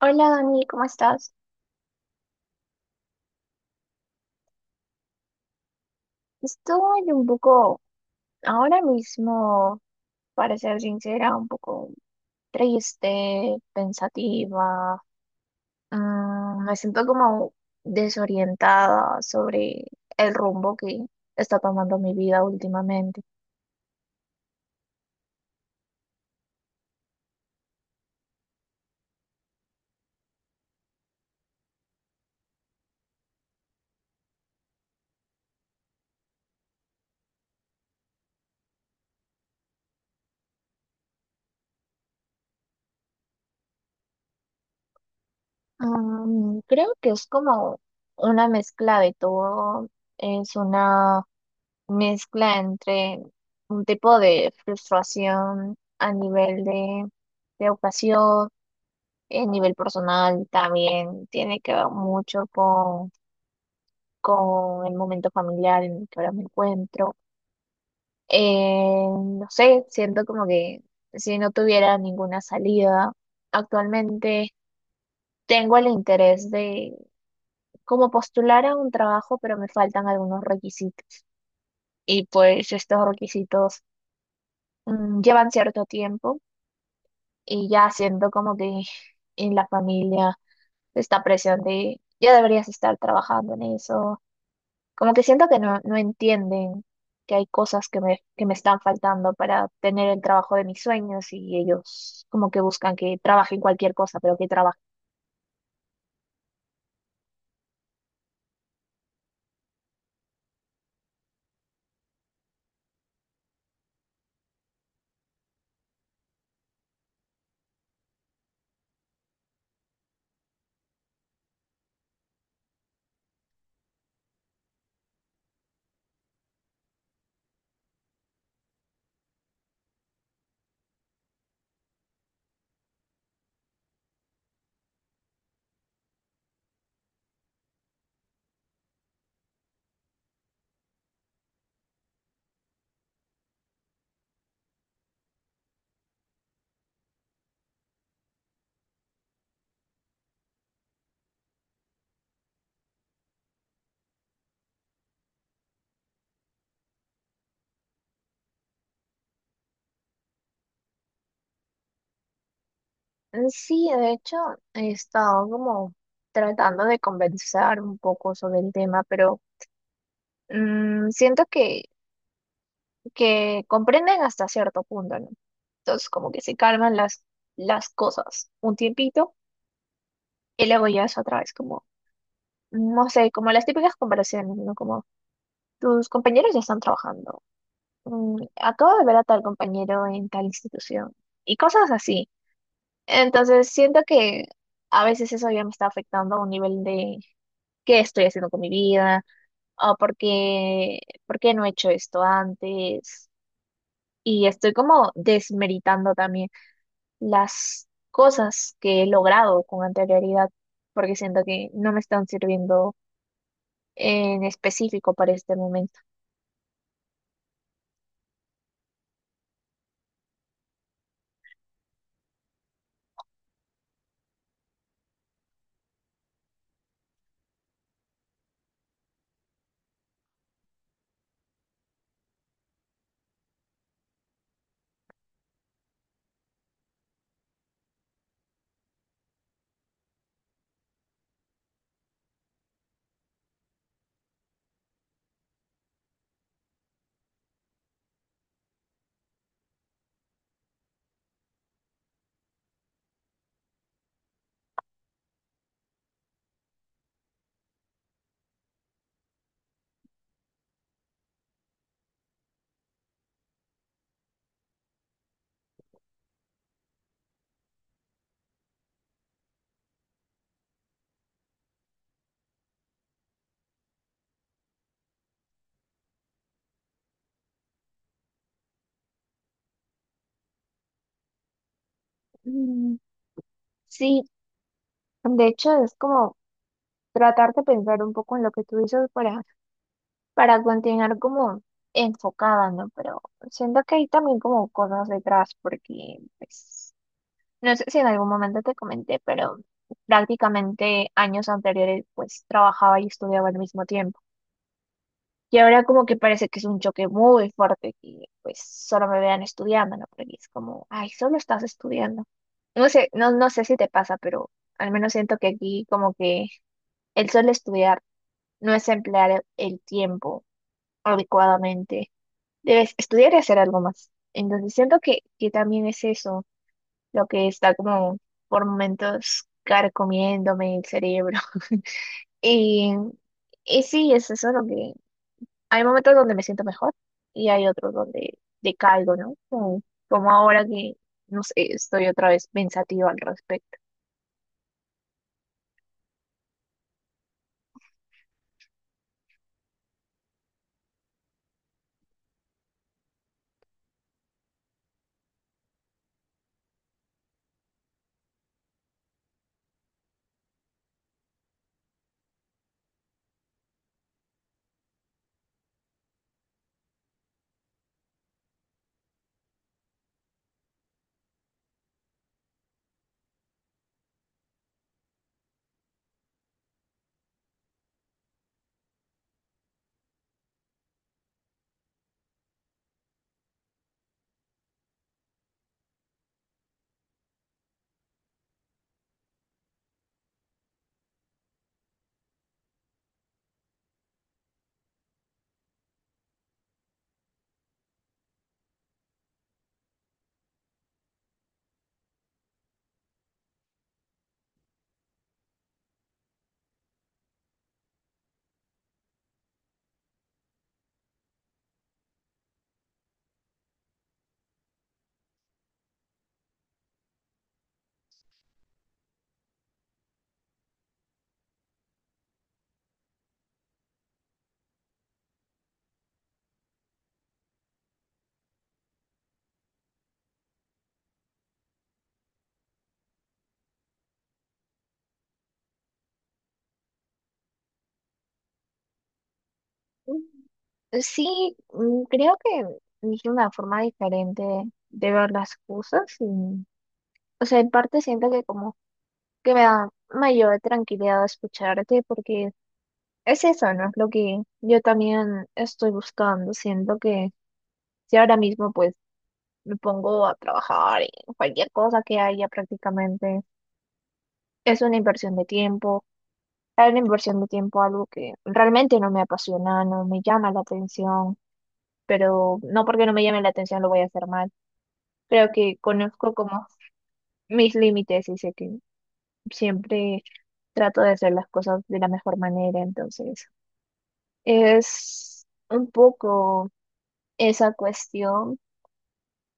Hola Dani, ¿cómo estás? Estoy un poco, ahora mismo, para ser sincera, un poco triste, pensativa. Me siento como desorientada sobre el rumbo que está tomando mi vida últimamente. Creo que es como una mezcla de todo. Es una mezcla entre un tipo de frustración a nivel de educación, a nivel personal también tiene que ver mucho con el momento familiar en el que ahora me encuentro. No sé, siento como que si no tuviera ninguna salida, actualmente tengo el interés de como postular a un trabajo, pero me faltan algunos requisitos. Y pues estos requisitos llevan cierto tiempo y ya siento como que en la familia esta presión de ya deberías estar trabajando en eso. Como que siento que no, no entienden que hay cosas que que me están faltando para tener el trabajo de mis sueños, y ellos como que buscan que trabaje en cualquier cosa, pero que trabaje. Sí, de hecho, he estado como tratando de conversar un poco sobre el tema, pero siento que comprenden hasta cierto punto, ¿no? Entonces como que se calman las cosas un tiempito, y luego ya es otra vez como, no sé, como las típicas comparaciones, ¿no? Como tus compañeros ya están trabajando, mm, acabo de ver a tal compañero en tal institución y cosas así. Entonces siento que a veces eso ya me está afectando a un nivel de qué estoy haciendo con mi vida o por por qué no he hecho esto antes, y estoy como desmeritando también las cosas que he logrado con anterioridad, porque siento que no me están sirviendo en específico para este momento. Mm, sí, de hecho es como tratar de pensar un poco en lo que tú dices para continuar como enfocada, ¿no? Pero siento que hay también como cosas detrás, porque pues, no sé si en algún momento te comenté, pero prácticamente años anteriores pues trabajaba y estudiaba al mismo tiempo. Y ahora como que parece que es un choque muy fuerte que pues solo me vean estudiando, ¿no? Porque es como, ay, solo estás estudiando. No sé, no, no sé si te pasa, pero al menos siento que aquí como que el solo estudiar no es emplear el tiempo adecuadamente. Debes estudiar y hacer algo más. Entonces siento que también es eso lo que está como por momentos carcomiéndome el cerebro. Y, y sí, es eso lo que hay momentos donde me siento mejor y hay otros donde decaigo, ¿no? Como, como ahora que, no sé, estoy otra vez pensativa al respecto. Sí, mm, creo que es una forma diferente de ver las cosas y, o sea, en parte siento que como que me da mayor tranquilidad escucharte, porque es eso, ¿no? Es lo que yo también estoy buscando. Siento que si ahora mismo pues me pongo a trabajar en cualquier cosa que haya prácticamente es una inversión de tiempo, es una inversión de tiempo, algo que realmente no me apasiona, no me llama la atención, pero no porque no me llame la atención lo voy a hacer mal. Creo que conozco como mis límites y sé que siempre trato de hacer las cosas de la mejor manera, entonces es un poco esa cuestión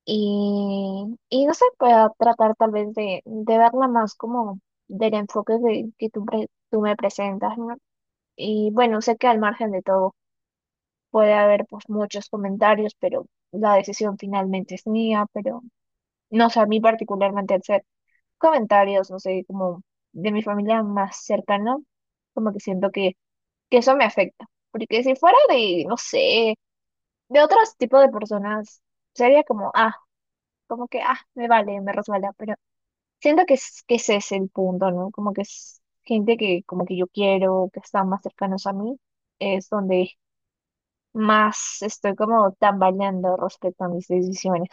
y, y no sé, pueda tratar tal vez de verla más como del enfoque de, que tú me presentas, ¿no? Y bueno, sé que al margen de todo puede haber pues muchos comentarios, pero la decisión finalmente es mía, pero no sé, a mí particularmente al ser comentarios, no sé, como de mi familia más cercana, como que siento que eso me afecta. Porque si fuera de, no sé, de otros tipos de personas, sería como, ah, como que, ah, me vale, me resbala, pero siento que, que ese es el punto, ¿no? Como que es gente que como que yo quiero, que están más cercanos a mí, es donde más estoy como tambaleando respecto a mis decisiones.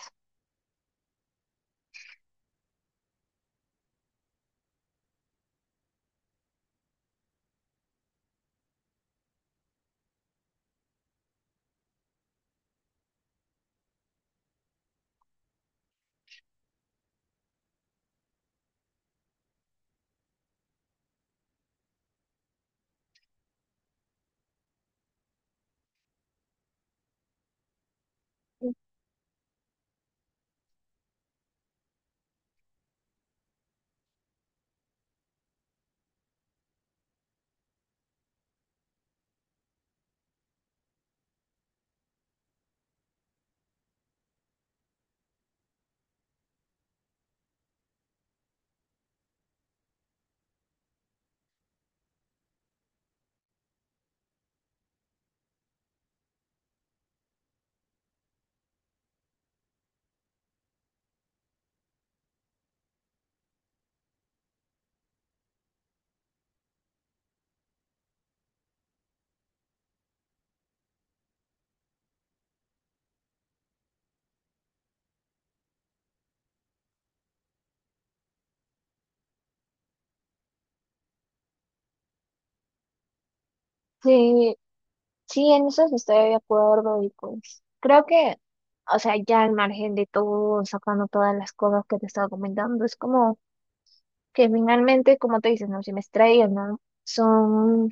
Sí, sí, en eso sí estoy de acuerdo y pues creo que, o sea, ya al margen de todo, sacando todas las cosas que te estaba comentando, es como que finalmente, como te dices no, si me estrello, ¿no? Son,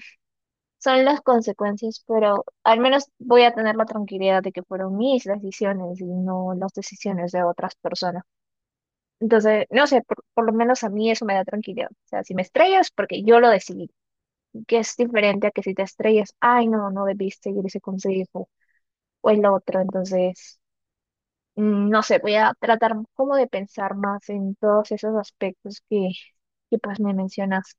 son las consecuencias, pero al menos voy a tener la tranquilidad de que fueron mis decisiones y no las decisiones de otras personas. Entonces, no sé, por lo menos a mí eso me da tranquilidad. O sea, si me estrello es porque yo lo decidí. Que es diferente a que si te estrellas, ay, no, no debiste seguir ese consejo o el otro. Entonces, mm, no sé, voy a tratar como de pensar más en todos esos aspectos que pues me mencionas.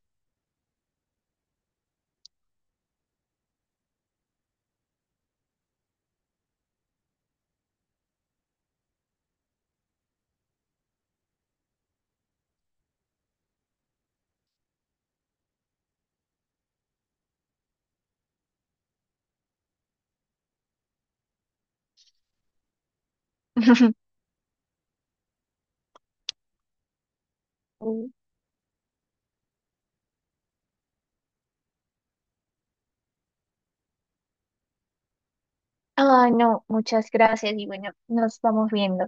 Ay, no, muchas gracias y bueno, nos vamos viendo.